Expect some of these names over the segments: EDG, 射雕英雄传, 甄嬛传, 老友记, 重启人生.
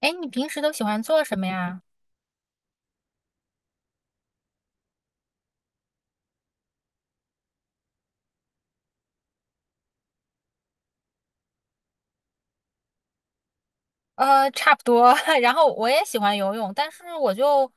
哎，你平时都喜欢做什么呀？差不多。然后我也喜欢游泳，但是我就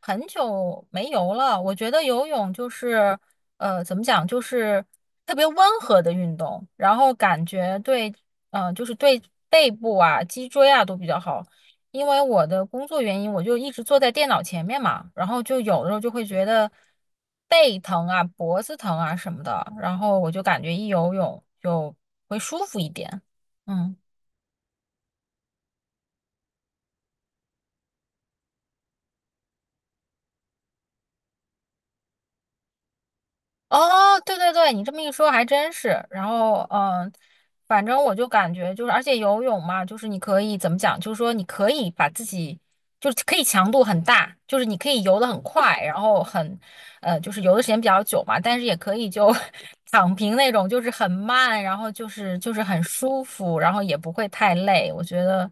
很久没游了。我觉得游泳就是，怎么讲，就是特别温和的运动，然后感觉对，就是对背部啊、脊椎啊都比较好。因为我的工作原因，我就一直坐在电脑前面嘛，然后就有的时候就会觉得背疼啊、脖子疼啊什么的，然后我就感觉一游泳就会舒服一点。嗯。哦，对对对，你这么一说还真是。然后，反正我就感觉就是，而且游泳嘛，就是你可以怎么讲，就是说你可以把自己，就是可以强度很大，就是你可以游得很快，然后很，就是游的时间比较久嘛，但是也可以就 躺平那种，就是很慢，然后就是很舒服，然后也不会太累。我觉得，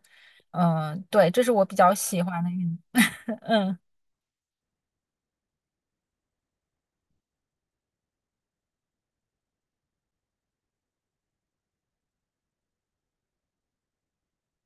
对，这是我比较喜欢的运嗯。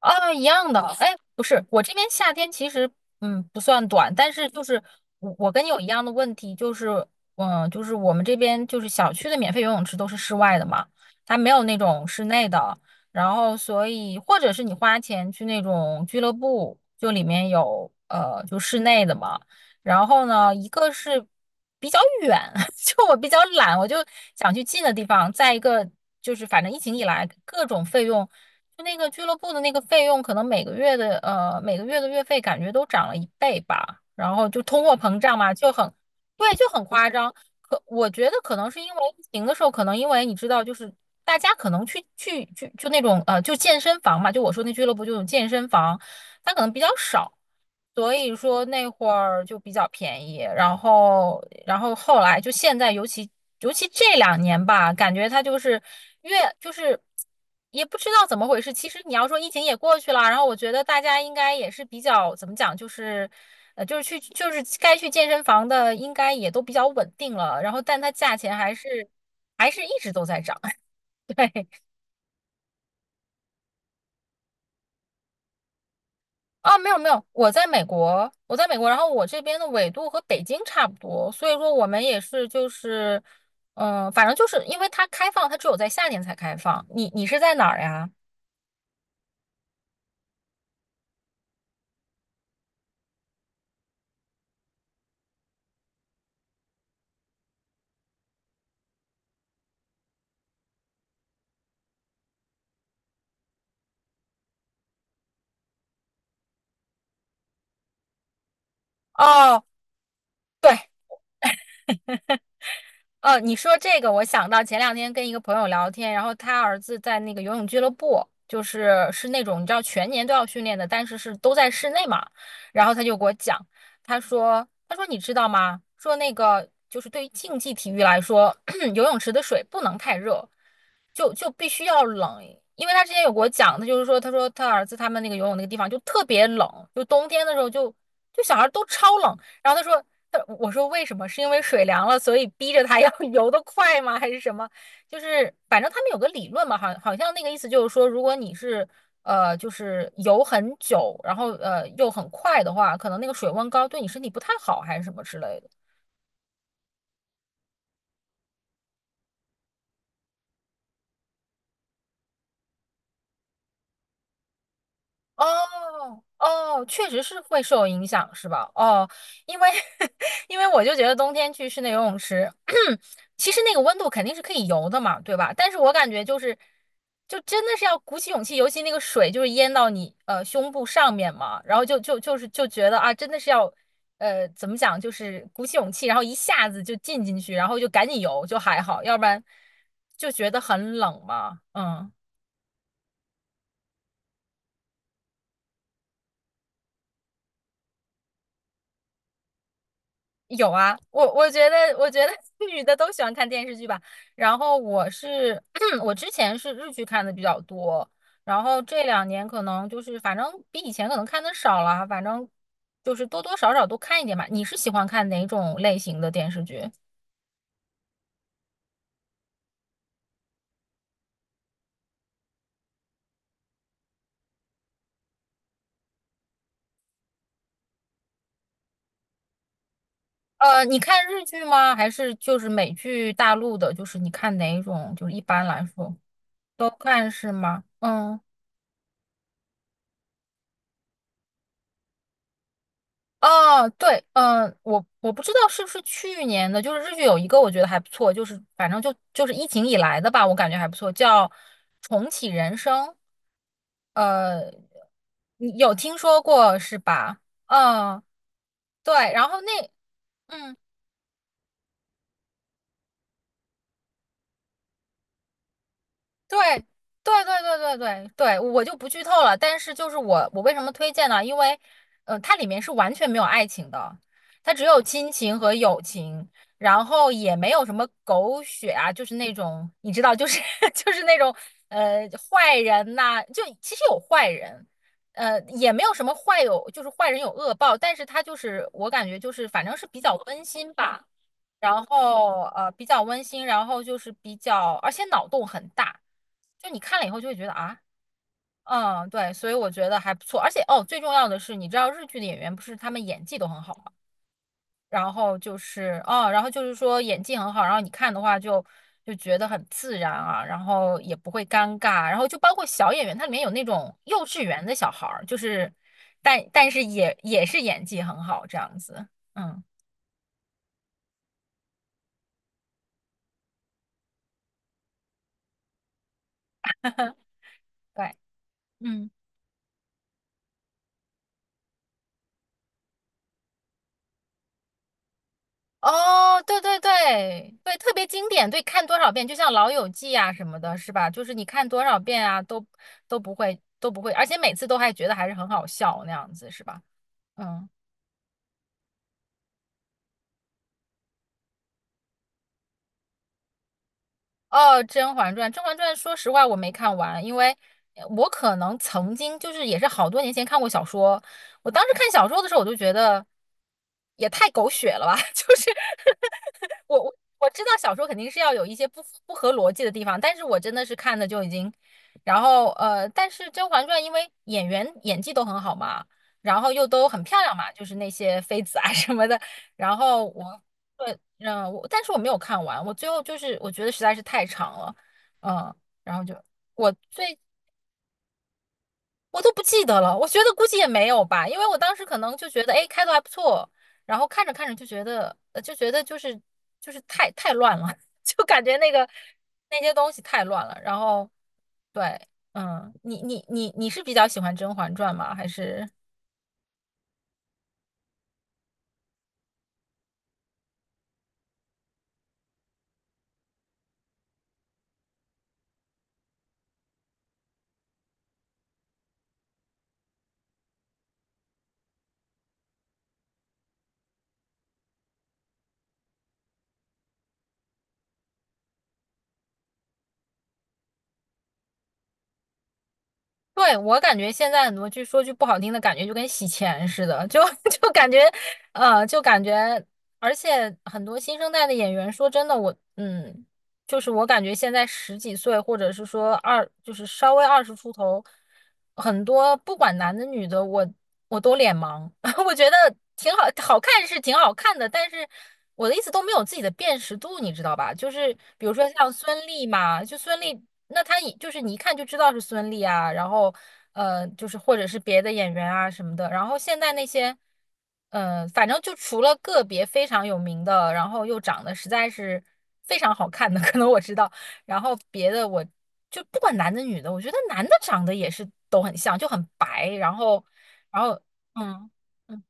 啊，一样的。哎，不是，我这边夏天其实不算短，但是就是我跟你有一样的问题，就是就是我们这边就是小区的免费游泳池都是室外的嘛，它没有那种室内的。然后所以或者是你花钱去那种俱乐部，就里面有就室内的嘛。然后呢，一个是比较远，就我比较懒，我就想去近的地方。再一个就是，反正疫情以来，各种费用。就那个俱乐部的那个费用，可能每个月的月费感觉都涨了一倍吧，然后就通货膨胀嘛，就很，对，就很夸张。可我觉得可能是因为疫情的时候，可能因为你知道，就是大家可能去就那种就健身房嘛，就我说那俱乐部就有健身房，它可能比较少，所以说那会儿就比较便宜，然后后来就现在，尤其这两年吧，感觉它就是越就是也不知道怎么回事。其实你要说疫情也过去了，然后我觉得大家应该也是比较怎么讲，就是就是去就是该去健身房的应该也都比较稳定了，然后但它价钱还是一直都在涨。啊，没有没有，我在美国，我在美国，然后我这边的纬度和北京差不多，所以说我们也是就是，反正就是因为它开放，它只有在夏天才开放。你是在哪儿呀？哦，对。你说这个，我想到前两天跟一个朋友聊天，然后他儿子在那个游泳俱乐部，就是是那种你知道全年都要训练的，但是是都在室内嘛。然后他就给我讲，他说你知道吗？说那个就是对于竞技体育来说，游泳池的水不能太热，就必须要冷。因为他之前有给我讲，他就是说，他说他儿子他们那个游泳那个地方就特别冷，就冬天的时候就小孩都超冷然后他说，我说为什么？是因为水凉了，所以逼着他要 游得快吗？还是什么？就是反正他们有个理论嘛，好像那个意思就是说，如果你是就是游很久，然后又很快的话，可能那个水温高对你身体不太好，还是什么之类的。哦哦，确实是会受影响，是吧？哦，因为 因为我就觉得冬天去室内游泳池，其实那个温度肯定是可以游的嘛，对吧？但是我感觉就是，就真的是要鼓起勇气，尤其那个水就是淹到你胸部上面嘛，然后就觉得啊，真的是要怎么讲，就是鼓起勇气，然后一下子就进去，然后就赶紧游就还好，要不然就觉得很冷嘛，嗯。有啊，我觉得 女的都喜欢看电视剧吧。然后我是，我之前是日剧看的比较多，然后这两年可能就是反正比以前可能看的少了，反正就是多多少少都看一点吧。你是喜欢看哪种类型的电视剧？你看日剧吗？还是就是美剧、大陆的？就是你看哪一种？就是一般来说都看是吗？嗯。哦，对，我不知道是不是去年的，就是日剧有一个我觉得还不错，就是反正就是疫情以来的吧，我感觉还不错，叫《重启人生》。呃，你有听说过是吧？嗯，对，然后那。嗯。对，对对对对对对，我就不剧透了。但是就是我为什么推荐呢？因为，它里面是完全没有爱情的，它只有亲情和友情，然后也没有什么狗血啊，就是那种你知道，就是 就是那种呃坏人呐、就其实有坏人，也没有什么坏有，就是坏人有恶报，但是他就是我感觉就是反正是比较温馨吧。然后比较温馨，然后就是比较，而且脑洞很大，就你看了以后就会觉得啊，对，所以我觉得还不错。而且哦，最重要的是，你知道日剧的演员不是他们演技都很好吗？然后就是哦，然后就是说演技很好，然后你看的话就觉得很自然啊，然后也不会尴尬，然后就包括小演员，它里面有那种幼稚园的小孩儿，就是但是也是演技很好这样子，嗯，对，嗯。哦，对对对对，特别经典，对，看多少遍，就像《老友记》啊什么的，是吧？就是你看多少遍啊，都不会，而且每次都还觉得还是很好笑那样子，是吧？嗯。哦，《甄嬛传》说实话我没看完，因为我可能曾经就是也是好多年前看过小说，我当时看小说的时候我就觉得也太狗血了吧，就是我我我知道小说肯定是要有一些不合逻辑的地方，但是我真的是看的就已经，然后但是《甄嬛传》因为演员演技都很好嘛，然后又都很漂亮嘛，就是那些妃子啊 什么的，然后我对，但是我没有看完，我最后就是我觉得实在是太长了，嗯，然后就我最我都不记得了，我觉得估计也没有吧，因为我当时可能就觉得，哎，开头还不错，然后看着看着就觉得，就觉得就是太乱了，就感觉那些东西太乱了，然后对，你是比较喜欢《甄嬛传》吗？还是？对，我感觉现在很多剧，就说句不好听的，感觉就跟洗钱似的，就 就感觉，就感觉，而且很多新生代的演员，说真的，就是我感觉现在十几岁，或者是说就是稍微二十出头，很多不管男的女的，我都脸盲。我觉得挺好，好看是挺好看的，但是我的意思都没有自己的辨识度，你知道吧？就是比如说像孙俪嘛，就孙俪，那她一就是你一看就知道是孙俪啊，然后就是或者是别的演员啊什么的，然后现在那些。嗯，反正就除了个别非常有名的，然后又长得实在是非常好看的，可能我知道。然后别的我就不管男的女的，我觉得男的长得也是都很像，就很白，然后，然后，嗯嗯，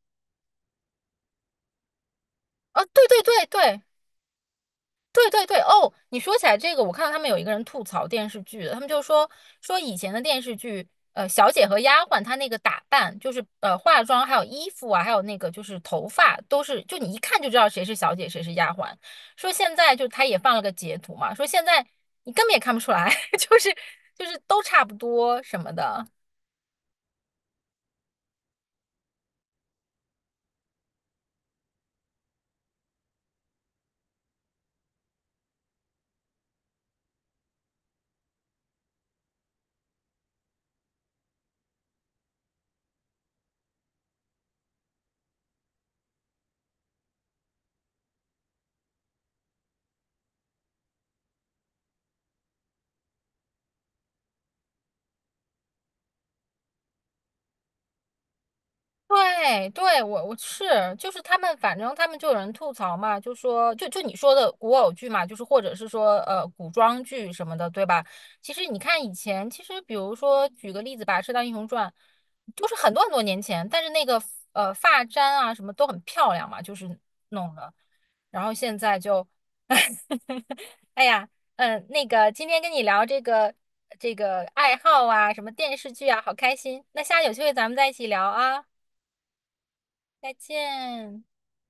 啊，对对对对，对对对，哦，你说起来这个，我看到他们有一个人吐槽电视剧的，他们就说以前的电视剧，小姐和丫鬟她那个打扮，就是化妆，还有衣服啊，还有那个就是头发，都是就你一看就知道谁是小姐，谁是丫鬟。说现在就他也放了个截图嘛，说现在你根本也看不出来，就是就是都差不多什么的。对对，我是就是他们，反正他们就有人吐槽嘛，就你说的古偶剧嘛，就是或者是说古装剧什么的，对吧？其实你看以前，其实比如说举个例子吧，《射雕英雄传》就是很多很多年前，但是那个发簪啊什么都很漂亮嘛，就是弄的。然后现在就，哎呀，那个今天跟你聊这个爱好啊，什么电视剧啊，好开心。那下次有机会咱们再一起聊啊。再见。